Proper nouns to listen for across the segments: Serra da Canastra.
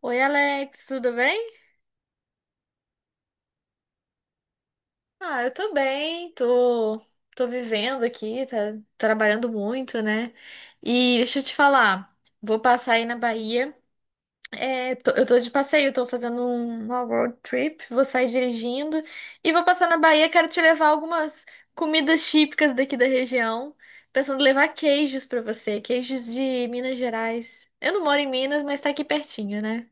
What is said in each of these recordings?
Oi, Alex, tudo bem? Ah, eu tô bem, tô, tô vivendo aqui, tá trabalhando muito, né? E deixa eu te falar, vou passar aí na Bahia. É, eu tô de passeio, tô fazendo uma road trip, vou sair dirigindo e vou passar na Bahia, quero te levar algumas comidas típicas daqui da região. Pensando em levar queijos pra você, queijos de Minas Gerais. Eu não moro em Minas, mas tá aqui pertinho, né?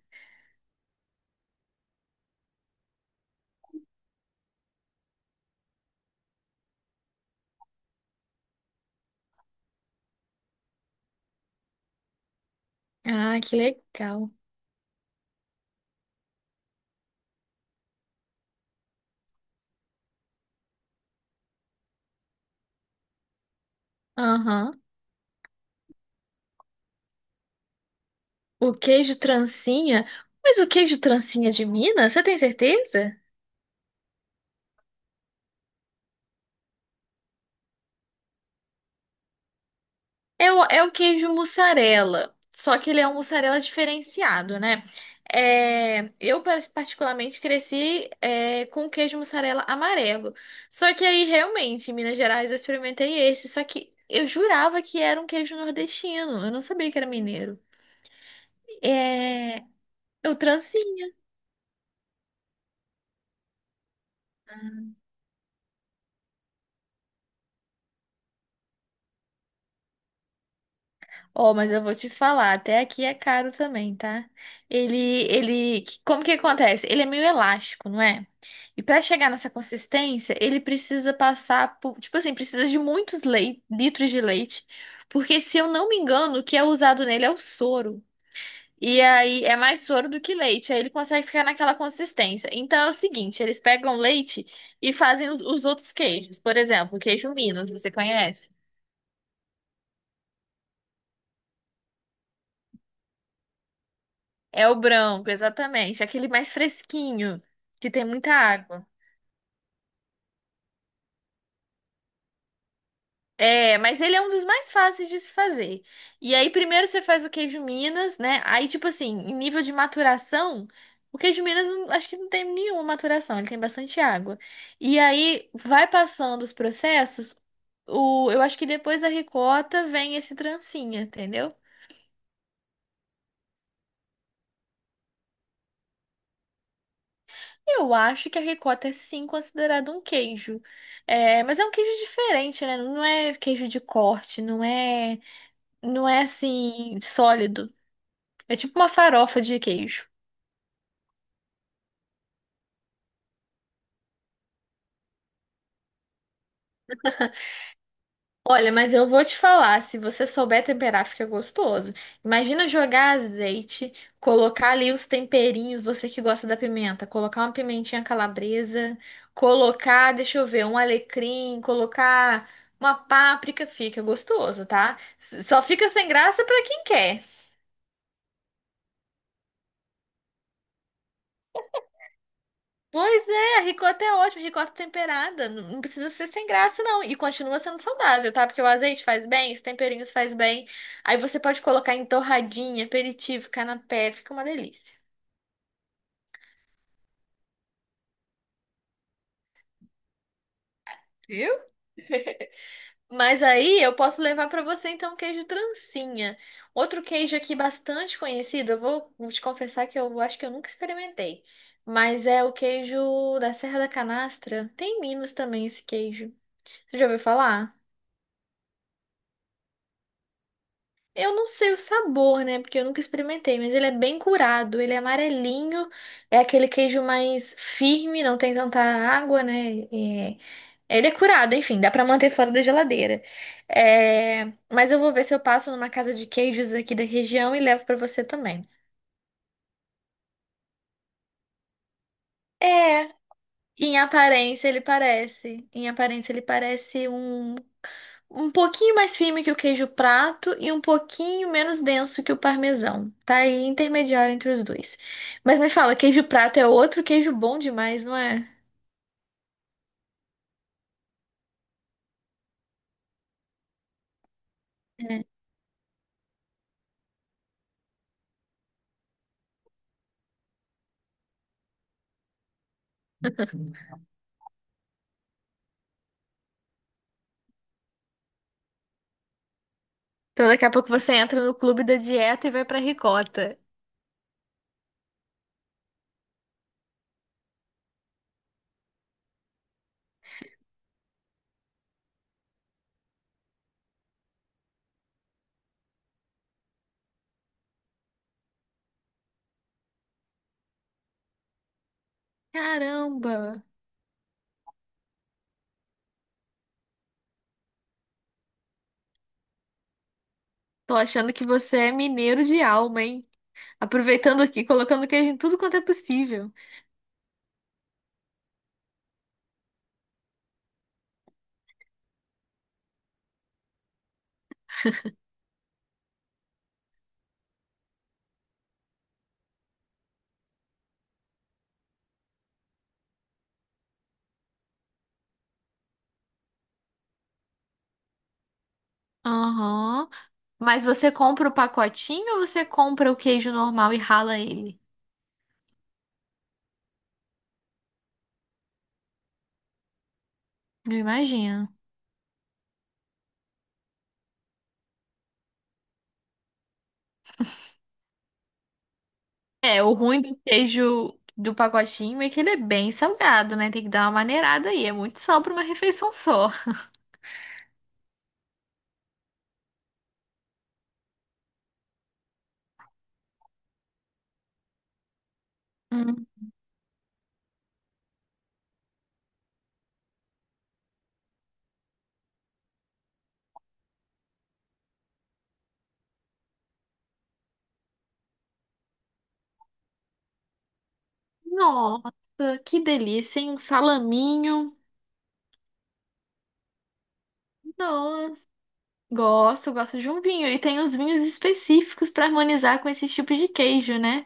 Ah, que legal. Aham. O queijo trancinha? Mas o queijo trancinha de Minas, você tem certeza? É o queijo mussarela, só que ele é um mussarela diferenciado, né? É, eu, particularmente, cresci é, com queijo mussarela amarelo. Só que aí, realmente, em Minas Gerais, eu experimentei esse. Só que eu jurava que era um queijo nordestino. Eu não sabia que era mineiro. É, é o trancinha. Oh, mas eu vou te falar, até aqui é caro também, tá? Ele, ele, como que acontece? Ele é meio elástico, não é? E para chegar nessa consistência, ele precisa passar por, tipo assim, precisa de muitos litros de leite, porque se eu não me engano, o que é usado nele é o soro. E aí é mais soro do que leite, aí ele consegue ficar naquela consistência. Então é o seguinte, eles pegam leite e fazem os outros queijos. Por exemplo, o queijo Minas, você conhece? É o branco, exatamente. Aquele mais fresquinho, que tem muita água. É, mas ele é um dos mais fáceis de se fazer. E aí, primeiro você faz o queijo Minas, né? Aí, tipo assim, em nível de maturação, o queijo Minas acho que não tem nenhuma maturação, ele tem bastante água. E aí, vai passando os processos, o, eu acho que depois da ricota vem esse trancinha, entendeu? Eu acho que a ricota é sim é considerado um queijo. É, mas é um queijo diferente, né? Não é queijo de corte, não é assim sólido. É tipo uma farofa de queijo. Olha, mas eu vou te falar, se você souber temperar, fica gostoso. Imagina jogar azeite, colocar ali os temperinhos, você que gosta da pimenta, colocar uma pimentinha calabresa, colocar, deixa eu ver, um alecrim, colocar uma páprica, fica gostoso, tá? Só fica sem graça pra quem quer. Pois é, ricota é ótimo, ricota temperada. Não precisa ser sem graça, não. E continua sendo saudável, tá? Porque o azeite faz bem, os temperinhos faz bem. Aí você pode colocar em torradinha, aperitivo, canapé, fica uma delícia. Viu? Mas aí eu posso levar pra você então um queijo trancinha. Outro queijo aqui bastante conhecido, eu vou te confessar que eu acho que eu nunca experimentei. Mas é o queijo da Serra da Canastra. Tem em Minas também esse queijo. Você já ouviu falar? Eu não sei o sabor, né? Porque eu nunca experimentei, mas ele é bem curado, ele é amarelinho, é aquele queijo mais firme, não tem tanta água, né? É, ele é curado, enfim, dá pra manter fora da geladeira. É, mas eu vou ver se eu passo numa casa de queijos aqui da região e levo pra você também. É, em aparência ele parece um um pouquinho mais firme que o queijo prato e um pouquinho menos denso que o parmesão. Tá aí intermediário entre os dois. Mas me fala, queijo prato é outro queijo bom demais, não é? É. Então daqui a pouco você entra no clube da dieta e vai pra ricota. Caramba! Tô achando que você é mineiro de alma, hein? Aproveitando aqui, colocando queijo em tudo quanto é possível. Aham. Mas você compra o pacotinho ou você compra o queijo normal e rala ele? Eu imagino. É, o ruim do queijo do pacotinho é que ele é bem salgado, né? Tem que dar uma maneirada aí. É muito sal para uma refeição só. Hum. Nossa, que delícia, hein? Um salaminho. Nossa. Gosto, gosto de um vinho. E tem os vinhos específicos para harmonizar com esse tipo de queijo, né?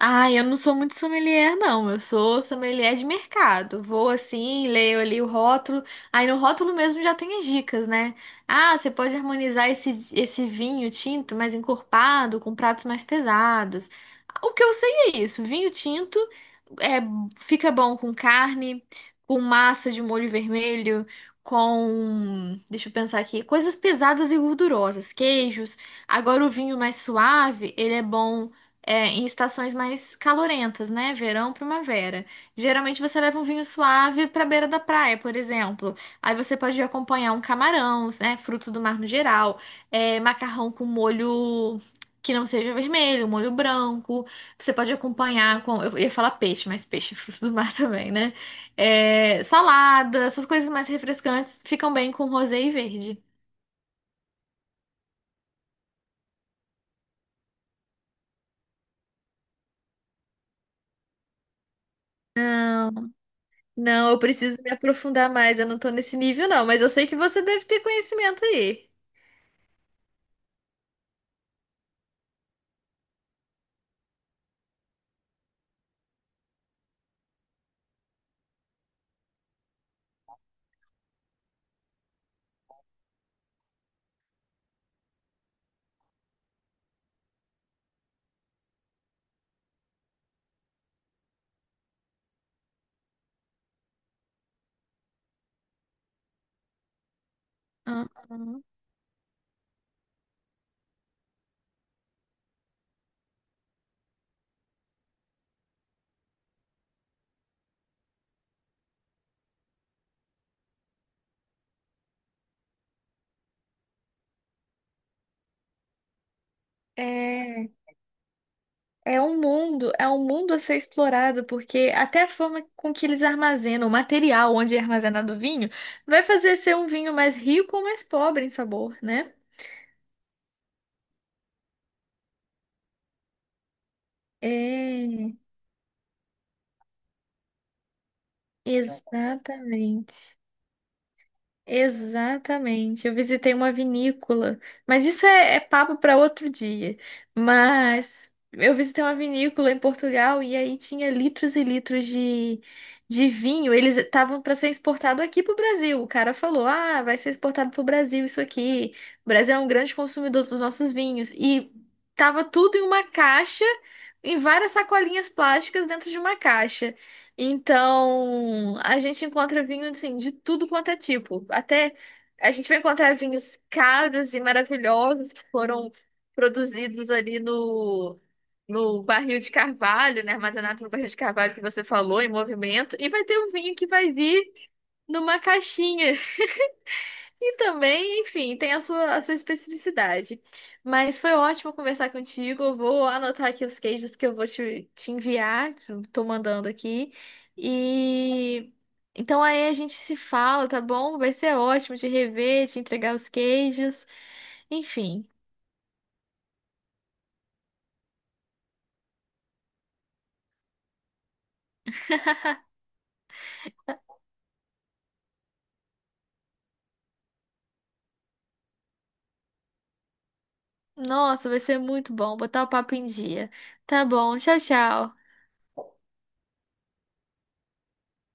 Ah, eu não sou muito sommelier, não. Eu sou sommelier de mercado. Vou assim, leio ali o rótulo. Aí no rótulo mesmo já tem as dicas, né? Ah, você pode harmonizar esse vinho tinto mais encorpado com pratos mais pesados. O que eu sei é isso. Vinho tinto é, fica bom com carne, com massa de molho vermelho, com... Deixa eu pensar aqui. Coisas pesadas e gordurosas. Queijos. Agora o vinho mais suave, ele é bom é, em estações mais calorentas, né? Verão, primavera. Geralmente você leva um vinho suave para beira da praia, por exemplo. Aí você pode acompanhar um camarão, né? Frutos do mar no geral, é, macarrão com molho que não seja vermelho, molho branco. Você pode acompanhar com, eu ia falar peixe, mas peixe é fruto do mar também, né? É, salada, essas coisas mais refrescantes ficam bem com rosé e verde. Não, eu preciso me aprofundar mais. Eu não tô nesse nível, não, mas eu sei que você deve ter conhecimento aí. Aham. É, é um mundo a ser explorado, porque até a forma com que eles armazenam, o material onde é armazenado o vinho, vai fazer ser um vinho mais rico ou mais pobre em sabor, né? É, exatamente. Exatamente. Eu visitei uma vinícola, mas isso é papo para outro dia. Mas eu visitei uma vinícola em Portugal e aí tinha litros e litros de vinho. Eles estavam para ser exportado aqui para o Brasil. O cara falou: Ah, vai ser exportado para o Brasil isso aqui. O Brasil é um grande consumidor dos nossos vinhos. E tava tudo em uma caixa, em várias sacolinhas plásticas dentro de uma caixa. Então, a gente encontra vinho assim, de tudo quanto é tipo. Até a gente vai encontrar vinhos caros e maravilhosos que foram produzidos ali no barril de carvalho, né? Armazenado no barril de carvalho que você falou, em movimento. E vai ter um vinho que vai vir numa caixinha. E também, enfim, tem a sua especificidade. Mas foi ótimo conversar contigo. Eu vou anotar aqui os queijos que eu vou te enviar, que eu tô mandando aqui. E então aí a gente se fala, tá bom? Vai ser ótimo de rever, te entregar os queijos. Enfim, nossa, vai ser muito bom botar o papo em dia. Tá bom, tchau, tchau.